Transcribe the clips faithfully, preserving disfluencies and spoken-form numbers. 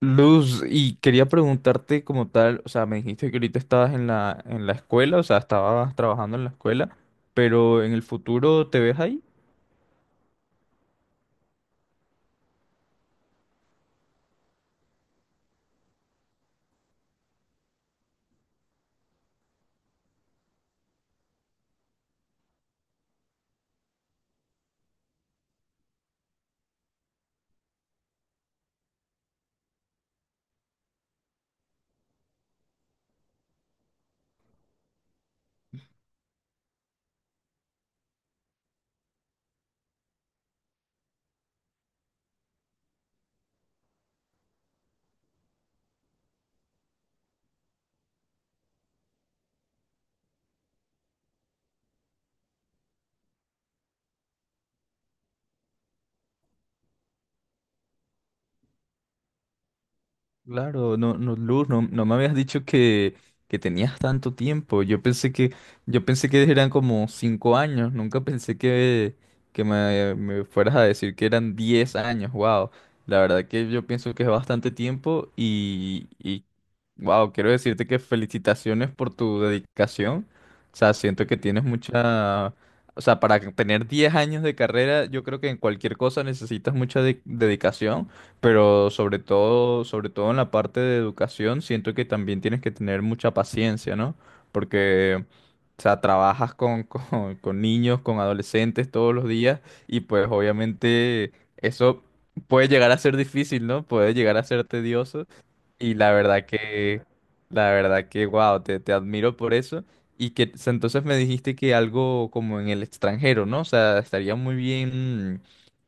Luz, y quería preguntarte como tal, o sea, me dijiste que ahorita estabas en la, en la escuela, o sea, estabas trabajando en la escuela, pero en el futuro, ¿te ves ahí? Claro, no, no, Luz, no, no me habías dicho que, que, tenías tanto tiempo. Yo pensé que, yo pensé que eran como cinco años. Nunca pensé que, que me, me fueras a decir que eran diez años. Wow. La verdad que yo pienso que es bastante tiempo y, y wow, quiero decirte que felicitaciones por tu dedicación. O sea, siento que tienes mucha, o sea, para tener diez años de carrera, yo creo que en cualquier cosa necesitas mucha de- dedicación. Pero sobre todo, sobre todo en la parte de educación, siento que también tienes que tener mucha paciencia, ¿no? Porque, o sea, trabajas con, con, con, niños, con adolescentes todos los días y pues obviamente eso puede llegar a ser difícil, ¿no? Puede llegar a ser tedioso y la verdad que, la verdad que, wow, te, te admiro por eso. Y que s- entonces me dijiste que algo como en el extranjero, ¿no? O sea, estaría muy bien, mm,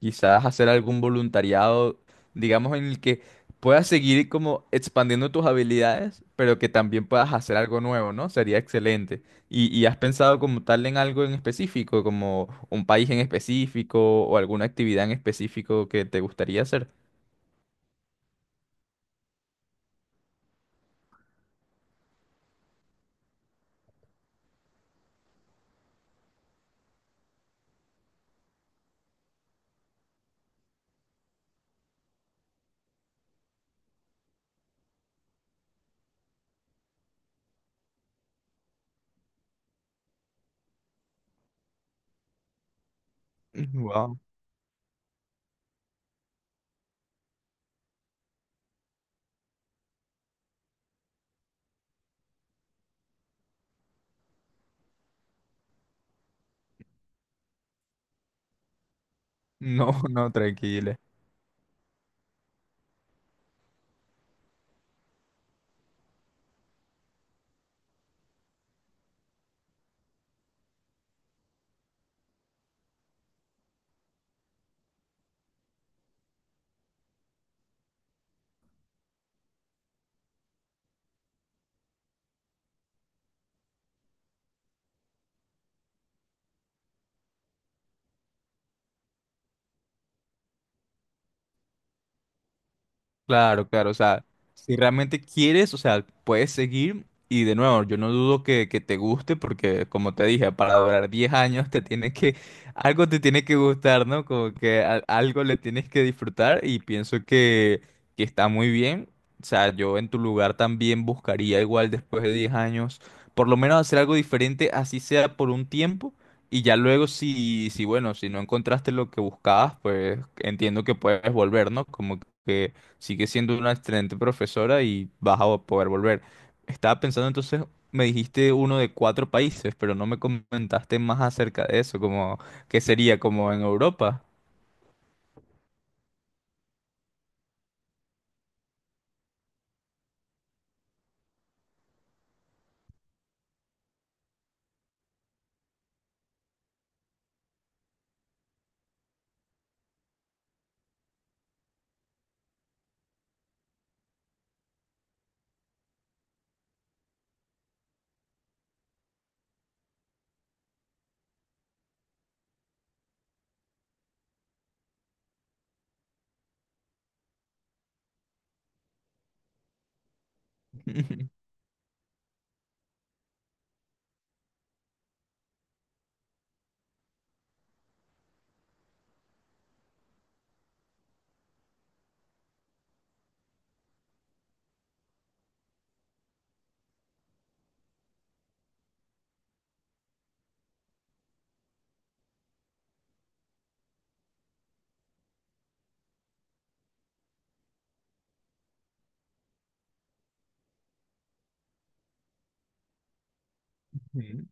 quizás hacer algún voluntariado, digamos, en el que puedas seguir como expandiendo tus habilidades, pero que también puedas hacer algo nuevo, ¿no? Sería excelente. ¿Y, y has pensado como tal en algo en específico, como un país en específico o alguna actividad en específico que te gustaría hacer? Wow. No, no, tranquila. Claro, claro, o sea, si realmente quieres, o sea, puedes seguir y de nuevo, yo no dudo que, que, te guste porque como te dije, para durar diez años te tiene que, algo te tiene que gustar, ¿no? Como que a- algo le tienes que disfrutar y pienso que, que está muy bien. O sea, yo en tu lugar también buscaría igual después de diez años, por lo menos hacer algo diferente, así sea por un tiempo. Y ya luego si, si bueno, si no encontraste lo que buscabas, pues entiendo que puedes volver, ¿no? Como que sigue siendo una excelente profesora y vas a poder volver. Estaba pensando entonces, me dijiste uno de cuatro países, pero no me comentaste más acerca de eso, como que sería como en Europa. Ujú.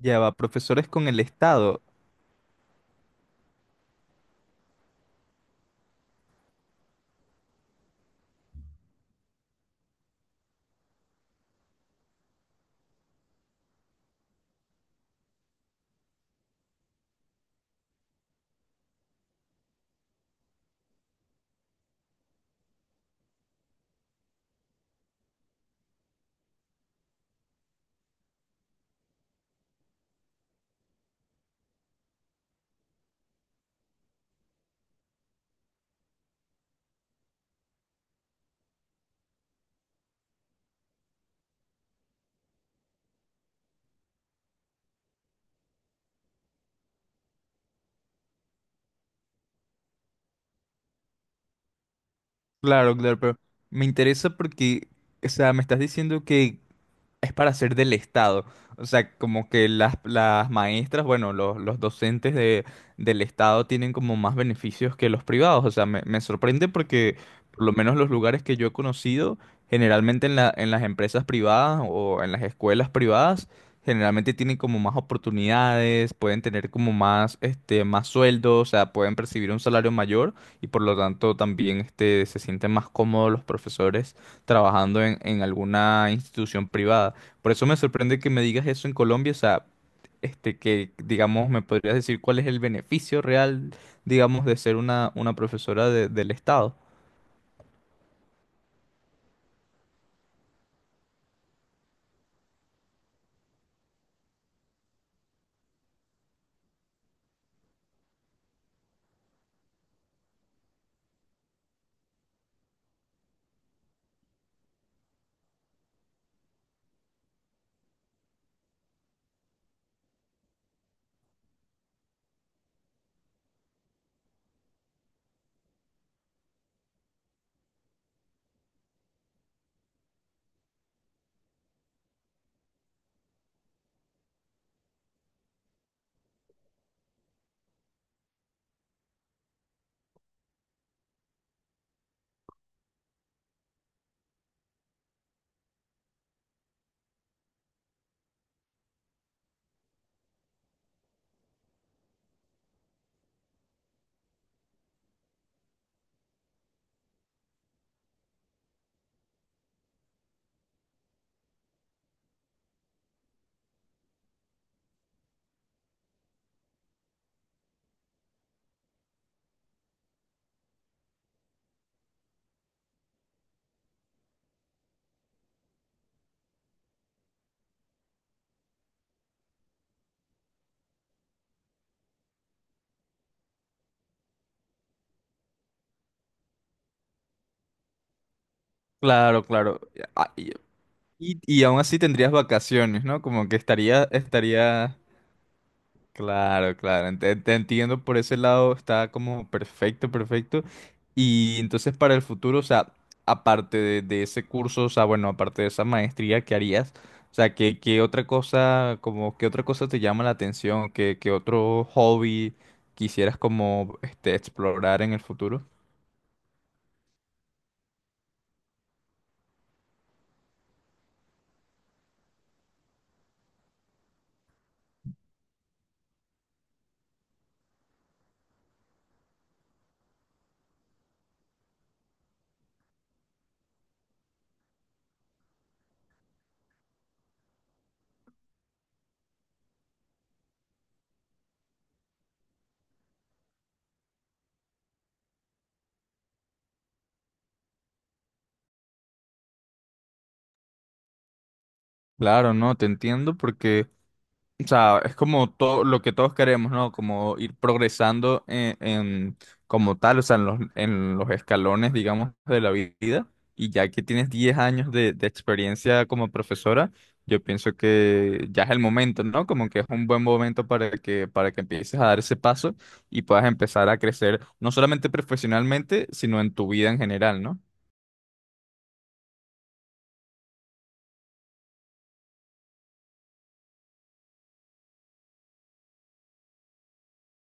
Ya va, profesores con el Estado. Claro, claro, pero me interesa porque, o sea, me estás diciendo que es para ser del Estado. O sea, como que las, las, maestras, bueno, los, los docentes de, del Estado tienen como más beneficios que los privados. O sea, me, me, sorprende porque por lo menos los lugares que yo he conocido, generalmente en la, en las empresas privadas o en las escuelas privadas, generalmente tienen como más oportunidades, pueden tener como más, este, más sueldo, o sea, pueden percibir un salario mayor y por lo tanto también, este, se sienten más cómodos los profesores trabajando en, en, alguna institución privada. Por eso me sorprende que me digas eso en Colombia, o sea, este, que digamos, me podrías decir cuál es el beneficio real, digamos, de ser una, una profesora de- del Estado. Claro, claro. Ah, Y, y y aún así tendrías vacaciones, ¿no? Como que estaría, estaría. Claro, claro, ent- te, entiendo por ese lado, está como perfecto, perfecto. Y entonces para el futuro, o sea, aparte de, de, ese curso, o sea, bueno, aparte de esa maestría que harías, o sea, ¿qué, qué, otra cosa, como, qué otra cosa te llama la atención? Qué, qué otro hobby quisieras como este, explorar en el futuro? Claro, no, te entiendo porque, o sea, es como todo lo que todos queremos, ¿no? Como ir progresando en, en- como tal, o sea, en los, en los, escalones, digamos, de la vida. Y ya que tienes diez años de, de experiencia como profesora, yo pienso que ya es el momento, ¿no? Como que es un buen momento para que, para que empieces a dar ese paso y puedas empezar a crecer, no solamente profesionalmente, sino en tu vida en general, ¿no?